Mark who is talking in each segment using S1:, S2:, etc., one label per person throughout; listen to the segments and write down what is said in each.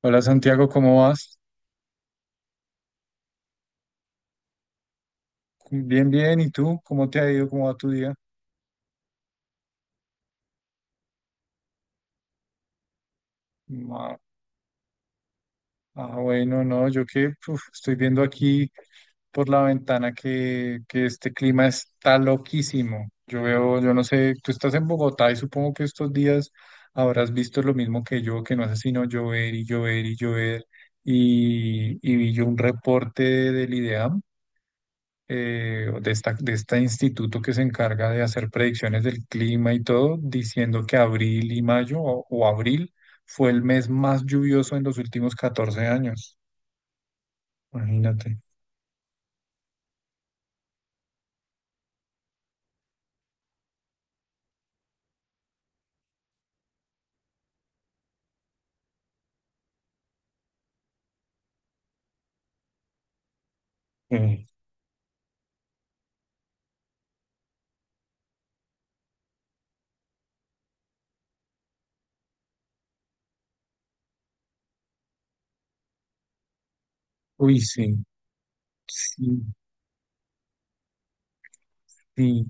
S1: Hola Santiago, ¿cómo vas? Bien, bien. ¿Y tú? ¿Cómo te ha ido? ¿Cómo va tu día? Ma- Ah, bueno, no, yo que uf, estoy viendo aquí por la ventana que este clima está loquísimo. Yo veo, yo no sé, tú estás en Bogotá y supongo que estos días habrás visto lo mismo que yo, que no hace sino llover y llover y llover. Y vi yo un reporte del IDEAM, o de este instituto que se encarga de hacer predicciones del clima y todo, diciendo que abril y mayo o abril fue el mes más lluvioso en los últimos 14 años. Imagínate. Eh, uy, sí, sí, sí,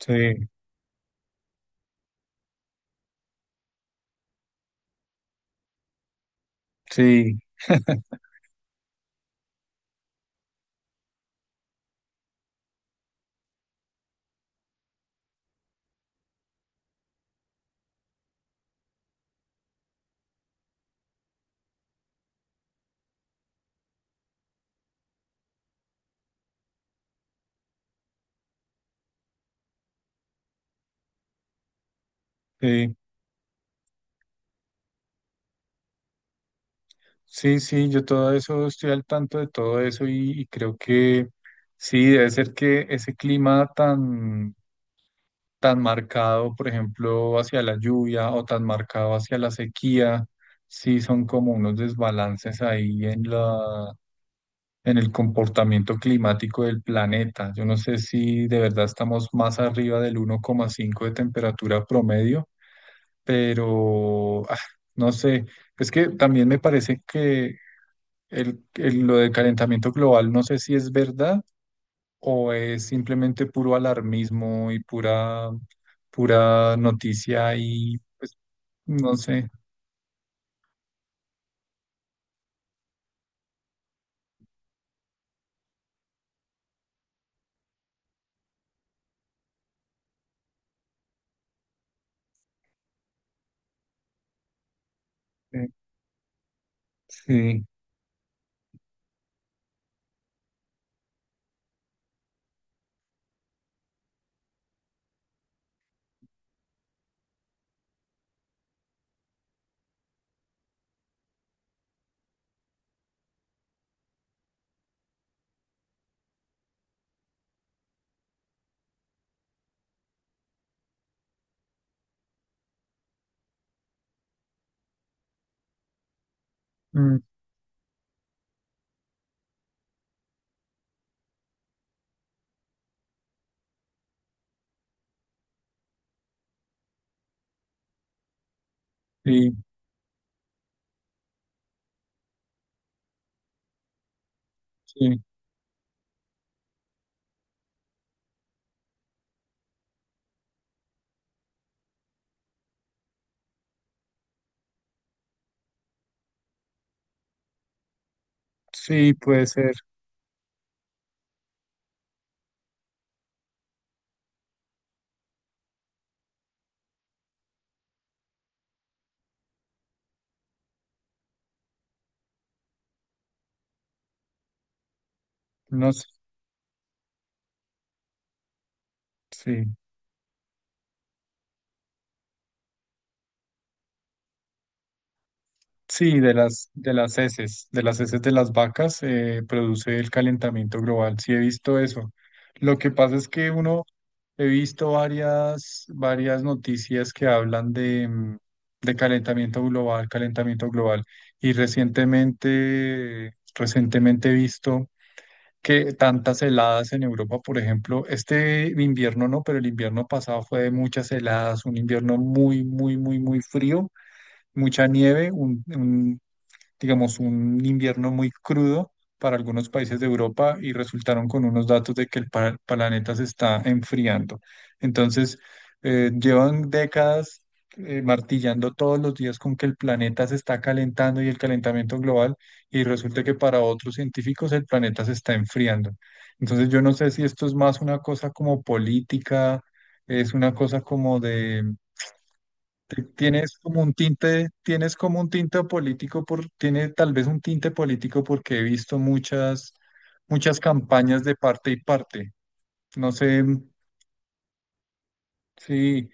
S1: sí, sí, sí, sí, sí, yo todo eso estoy al tanto de todo eso y creo que sí, debe ser que ese clima tan marcado, por ejemplo, hacia la lluvia o tan marcado hacia la sequía, sí son como unos desbalances ahí en la, en el comportamiento climático del planeta. Yo no sé si de verdad estamos más arriba del 1,5 de temperatura promedio, pero no sé, es que también me parece que lo del calentamiento global, no sé si es verdad o es simplemente puro alarmismo y pura noticia y pues no sé. eh, Sí, mm, sí, sí, sí, puede ser, no sé, sí. Sí, de las heces de las vacas produce el calentamiento global. Sí, he visto eso. Lo que pasa es que uno. He visto varias noticias que hablan de calentamiento global, calentamiento global. Y recientemente he visto que tantas heladas en Europa, por ejemplo, este invierno no, pero el invierno pasado fue de muchas heladas, un invierno muy, muy, muy, muy frío, mucha nieve, un digamos, un invierno muy crudo para algunos países de Europa y resultaron con unos datos de que el planeta se está enfriando. Entonces, llevan décadas martillando todos los días con que el planeta se está calentando y el calentamiento global, y resulta que para otros científicos el planeta se está enfriando. Entonces, yo no sé si esto es más una cosa como política, es una cosa como de. Tienes como un tinte, tiene tal vez un tinte político porque he visto muchas campañas de parte y parte. No sé. Sí,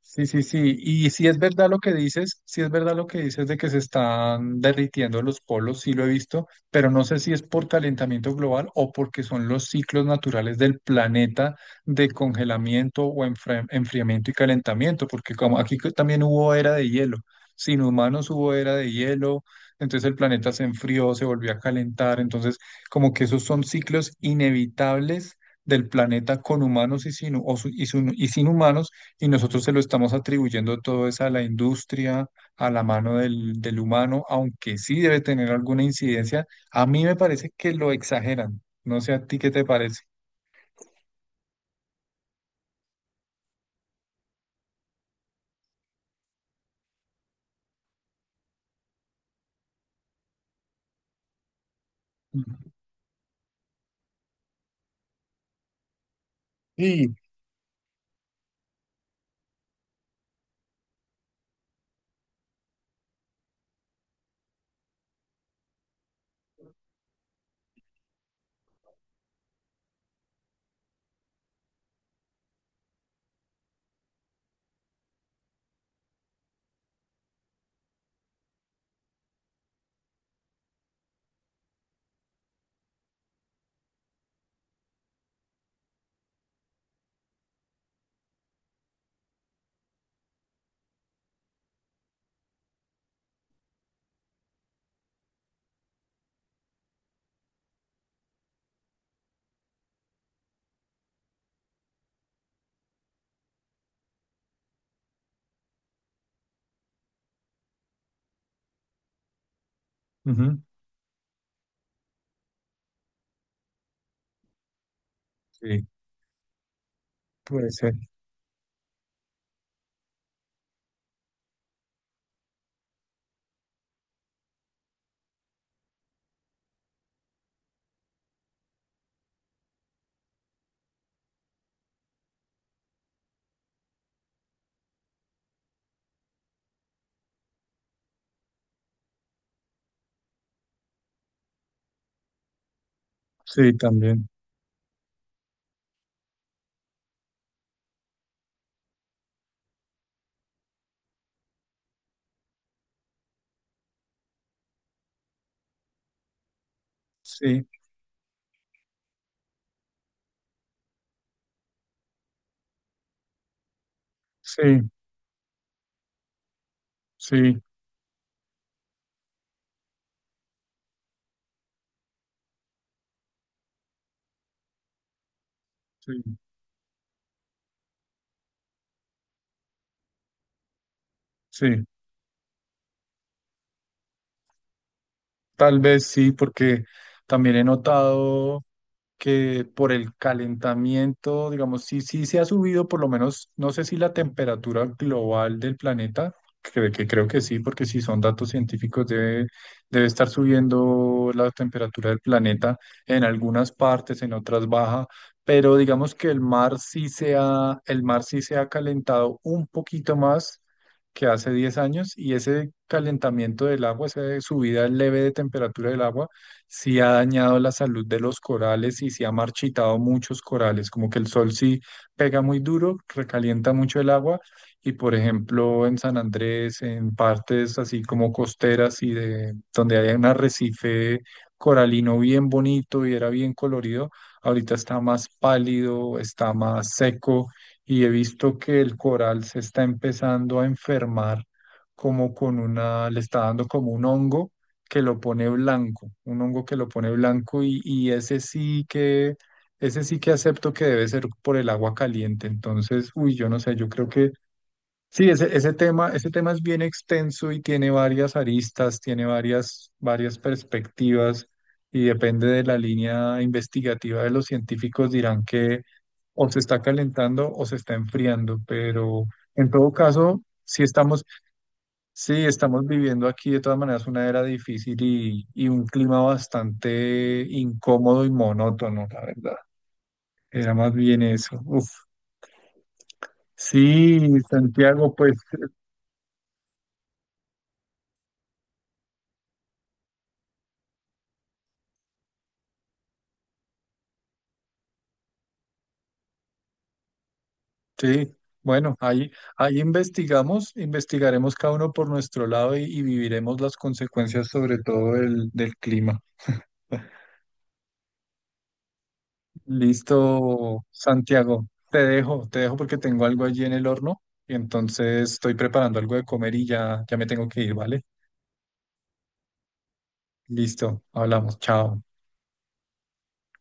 S1: sí, sí, sí. Y si es verdad lo que dices, si es verdad lo que dices de que se están derritiendo los polos, sí lo he visto, pero no sé si es por calentamiento global o porque son los ciclos naturales del planeta de congelamiento o enfriamiento y calentamiento, porque como aquí que también hubo era de hielo, sin humanos hubo era de hielo, entonces el planeta se enfrió, se volvió a calentar, entonces como que esos son ciclos inevitables del planeta con humanos y sin, o su- y sin humanos, y nosotros se lo estamos atribuyendo todo eso a la industria, a la mano del humano, aunque sí debe tener alguna incidencia. A mí me parece que lo exageran. No sé a ti qué te parece. Ujú. Sí, ujú, sí, puede ser. Sí, también. Sí, sí, sí, sí, sí. Tal vez sí, porque también he notado que por el calentamiento, digamos, sí, sí se ha subido, por lo menos, no sé si la temperatura global del planeta, que creo que sí, porque si son datos científicos, debe estar subiendo la temperatura del planeta en algunas partes, en otras baja, pero digamos que el mar sí se ha, el mar sí se ha calentado un poquito más que hace 10 años, y ese calentamiento del agua, esa subida leve de temperatura del agua, sí ha dañado la salud de los corales y sí ha marchitado muchos corales, como que el sol sí pega muy duro, recalienta mucho el agua y, por ejemplo, en San Andrés, en partes así como costeras y de donde hay un arrecife coralino bien bonito y era bien colorido, ahorita está más pálido, está más seco y he visto que el coral se está empezando a enfermar como con una, le está dando como un hongo que lo pone blanco, un hongo que lo pone blanco y ese sí que acepto que debe ser por el agua caliente. Entonces, uy, yo no sé, yo creo que sí, ese tema es bien extenso y tiene varias aristas, tiene varias perspectivas y depende de la línea investigativa de los científicos dirán que o se está calentando o se está enfriando, pero en todo caso, si estamos. Sí, estamos viviendo aquí de todas maneras una era difícil y un clima bastante incómodo y monótono, la verdad. Era más bien eso. Uf. Sí, Santiago, pues sí. Bueno, ahí investigaremos cada uno por nuestro lado y viviremos las consecuencias sobre todo del clima. Listo, Santiago. Te dejo porque tengo algo allí en el horno y entonces estoy preparando algo de comer y ya me tengo que ir, ¿vale? Listo, hablamos, chao.